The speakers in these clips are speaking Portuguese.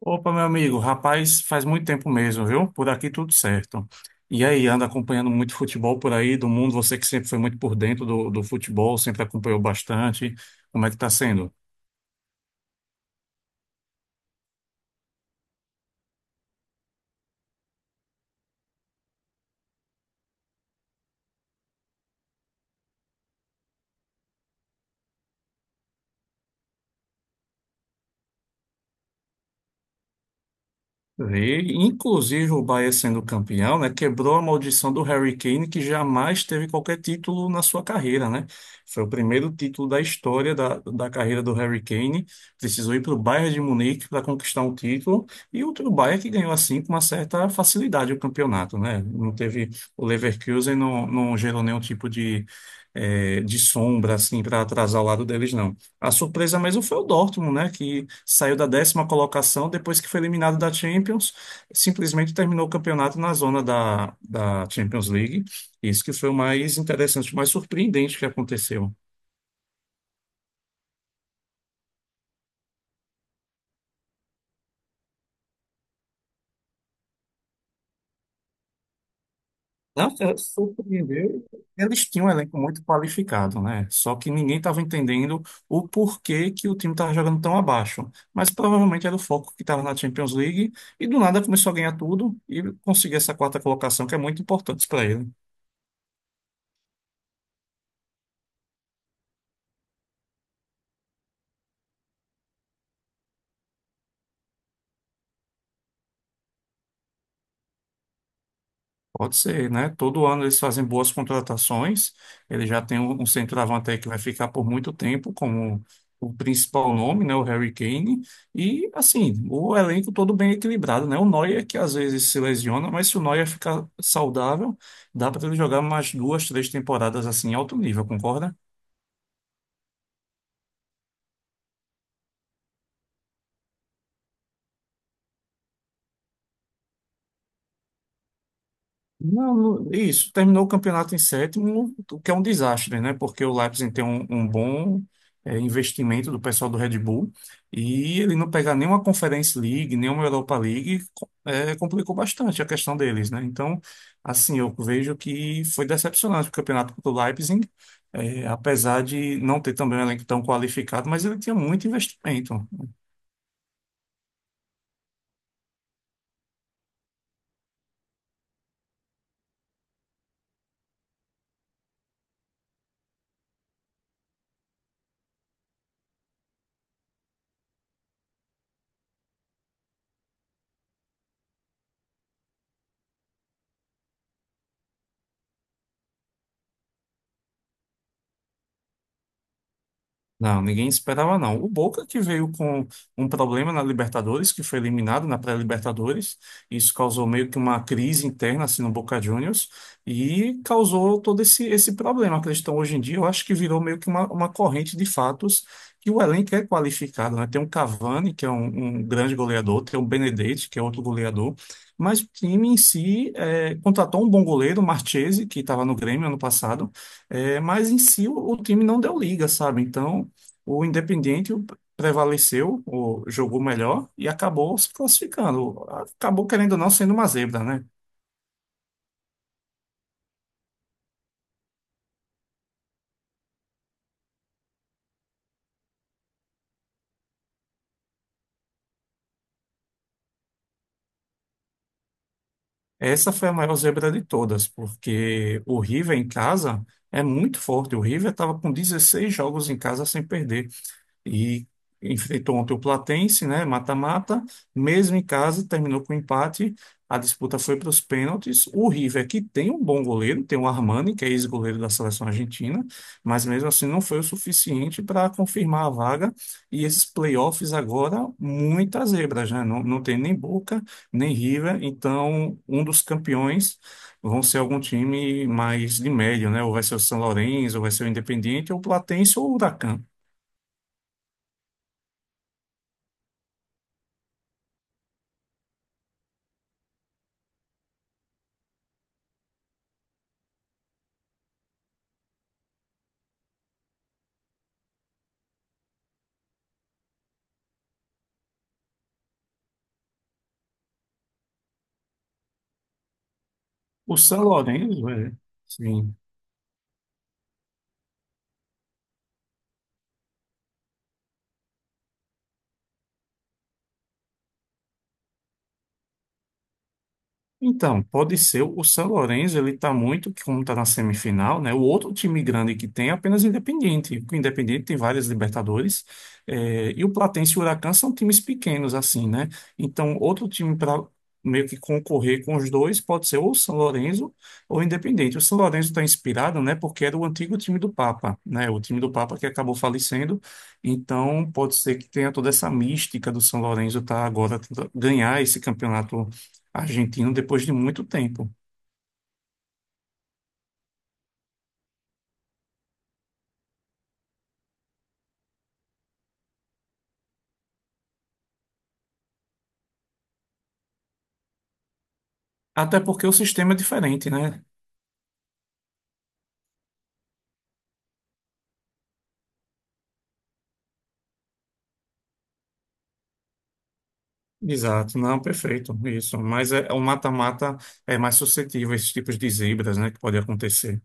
Opa, meu amigo, rapaz, faz muito tempo mesmo, viu? Por aqui tudo certo. E aí, anda acompanhando muito futebol por aí do mundo? Você que sempre foi muito por dentro do futebol, sempre acompanhou bastante. Como é que tá sendo? Vi, inclusive o Bahia sendo campeão, né, quebrou a maldição do Harry Kane, que jamais teve qualquer título na sua carreira, né? Foi o primeiro título da história da carreira do Harry Kane. Precisou ir para o Bayern de Munique para conquistar um título, e outro Bayern que ganhou assim com uma certa facilidade o campeonato, né? Não teve o Leverkusen, não, não gerou nenhum tipo de sombra assim para atrasar o lado deles, não. A surpresa mesmo foi o Dortmund, né? Que saiu da décima colocação depois que foi eliminado da Champions, simplesmente terminou o campeonato na zona da Champions League. Isso que foi o mais interessante, o mais surpreendente que aconteceu. Não, é, surpreendeu. Eles tinham um elenco muito qualificado, né? Só que ninguém estava entendendo o porquê que o time estava jogando tão abaixo. Mas provavelmente era o foco que estava na Champions League e do nada começou a ganhar tudo e conseguir essa quarta colocação que é muito importante para ele. Pode ser, né? Todo ano eles fazem boas contratações. Ele já tem um centroavante aí que vai ficar por muito tempo como o principal nome, né? O Harry Kane. E, assim, o elenco todo bem equilibrado, né? O Neuer, que às vezes se lesiona, mas se o Neuer ficar saudável, dá para ele jogar umas duas, três temporadas assim, em alto nível, concorda? Não, isso, terminou o campeonato em sétimo, o que é um desastre, né? Porque o Leipzig tem um bom investimento do pessoal do Red Bull e ele não pegar nenhuma Conference League, nenhuma Europa League, complicou bastante a questão deles, né? Então, assim, eu vejo que foi decepcionante o campeonato do Leipzig, apesar de não ter também um elenco tão qualificado, mas ele tinha muito investimento. Não, ninguém esperava não. O Boca que veio com um problema na Libertadores, que foi eliminado na pré-Libertadores, isso causou meio que uma crise interna assim no Boca Juniors e causou todo esse problema. A questão hoje em dia, eu acho que virou meio que uma corrente de fatos que o elenco é qualificado, né? Tem um Cavani, que é um grande goleador, tem um Benedetti, que é outro goleador, mas o time em si é, contratou um bom goleiro, o Marchese, que estava no Grêmio ano passado, é, mas em si o time não deu liga, sabe? Então o Independiente prevaleceu, jogou melhor e acabou se classificando. Acabou, querendo ou não, sendo uma zebra, né? Essa foi a maior zebra de todas, porque o River em casa é muito forte. O River estava com 16 jogos em casa sem perder e enfrentou ontem o Platense, né, mata-mata, mesmo em casa, terminou com empate, a disputa foi para os pênaltis, o River, que tem um bom goleiro, tem o Armani, que é ex-goleiro da seleção argentina, mas mesmo assim não foi o suficiente para confirmar a vaga, e esses playoffs agora, muitas zebras, né, não tem nem Boca, nem River, então um dos campeões vão ser algum time mais de médio, né, ou vai ser o São Lourenço, ou vai ser o Independiente, ou o Platense, ou o Huracán. O São Lourenço, é, sim. Então, pode ser. O São Lourenço, ele está muito, como está na semifinal, né? O outro time grande que tem é apenas o Independiente. O Independiente tem várias Libertadores. E o Platense e o Huracan são times pequenos, assim, né? Então, outro time para meio que concorrer com os dois pode ser ou o São Lourenço ou o Independiente. O São Lourenço está inspirado, né? Porque era o antigo time do Papa, né? O time do Papa que acabou falecendo. Então, pode ser que tenha toda essa mística do São Lourenço tá agora tentando ganhar esse campeonato argentino depois de muito tempo. Até porque o sistema é diferente, né? Exato, não, perfeito, isso. Mas é, o mata-mata é mais suscetível a esses tipos de zebras, né, que pode acontecer.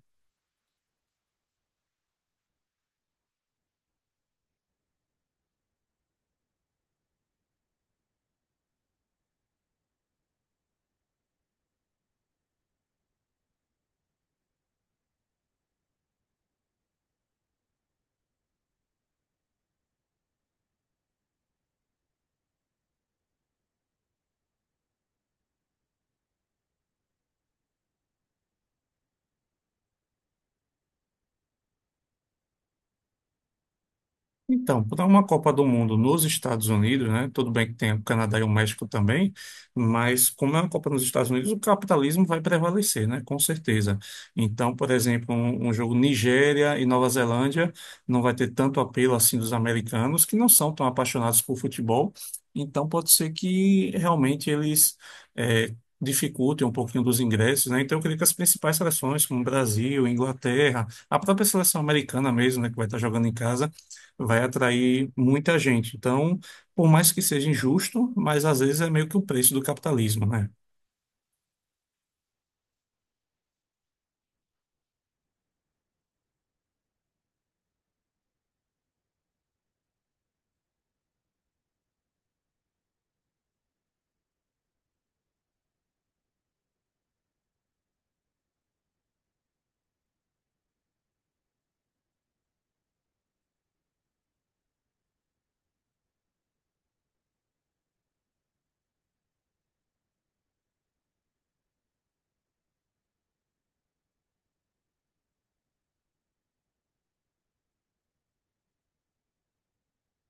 Então, para uma Copa do Mundo nos Estados Unidos, né? Tudo bem que tem o Canadá e o México também, mas como é uma Copa nos Estados Unidos, o capitalismo vai prevalecer, né? Com certeza. Então, por exemplo, um jogo Nigéria e Nova Zelândia não vai ter tanto apelo assim dos americanos, que não são tão apaixonados por futebol. Então, pode ser que realmente eles eh, dificultem um pouquinho dos ingressos, né? Então, eu creio que as principais seleções, como Brasil, Inglaterra, a própria seleção americana mesmo, né? Que vai estar jogando em casa vai atrair muita gente. Então, por mais que seja injusto, mas às vezes é meio que o preço do capitalismo, né?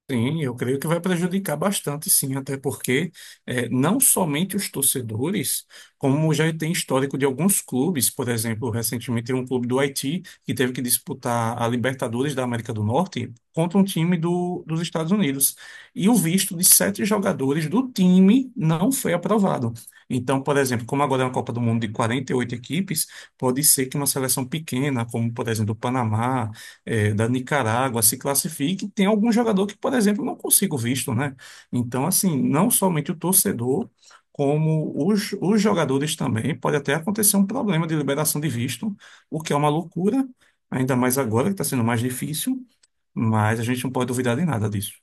Sim, eu creio que vai prejudicar bastante, sim, até porque não somente os torcedores, como já tem histórico de alguns clubes, por exemplo, recentemente tem um clube do Haiti que teve que disputar a Libertadores da América do Norte contra um time dos Estados Unidos. E o visto de sete jogadores do time não foi aprovado. Então, por exemplo, como agora é uma Copa do Mundo de 48 equipes, pode ser que uma seleção pequena, como por exemplo o Panamá, é, da Nicarágua se classifique, tem algum jogador que, por exemplo, não consiga o visto, né? Então, assim, não somente o torcedor, como os jogadores também, pode até acontecer um problema de liberação de visto, o que é uma loucura, ainda mais agora que está sendo mais difícil, mas a gente não pode duvidar de nada disso.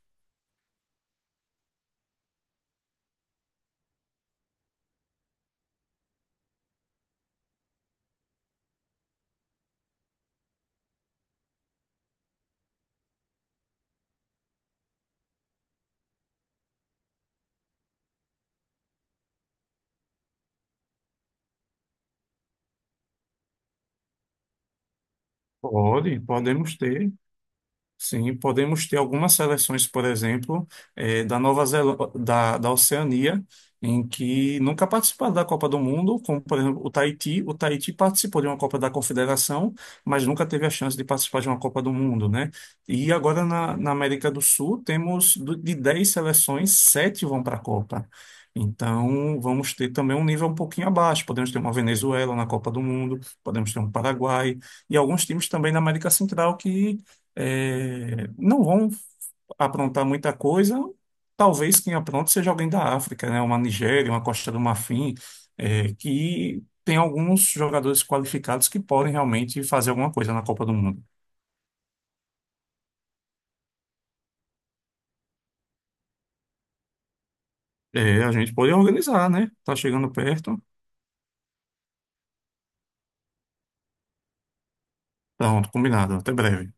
Podemos ter. Sim, podemos ter algumas seleções, por exemplo, da Nova Zelândia da Oceania, em que nunca participaram da Copa do Mundo, como, por exemplo, o Tahiti. O Tahiti participou de uma Copa da Confederação, mas nunca teve a chance de participar de uma Copa do Mundo, né? E agora na América do Sul, temos de 10 seleções, 7 vão para a Copa. Então, vamos ter também um nível um pouquinho abaixo. Podemos ter uma Venezuela na Copa do Mundo, podemos ter um Paraguai e alguns times também na América Central que é, não vão aprontar muita coisa. Talvez quem apronte seja alguém da África, né? Uma Nigéria, uma Costa do Marfim, é, que tem alguns jogadores qualificados que podem realmente fazer alguma coisa na Copa do Mundo. É, a gente pode organizar, né? Tá chegando perto. Pronto, combinado. Até breve.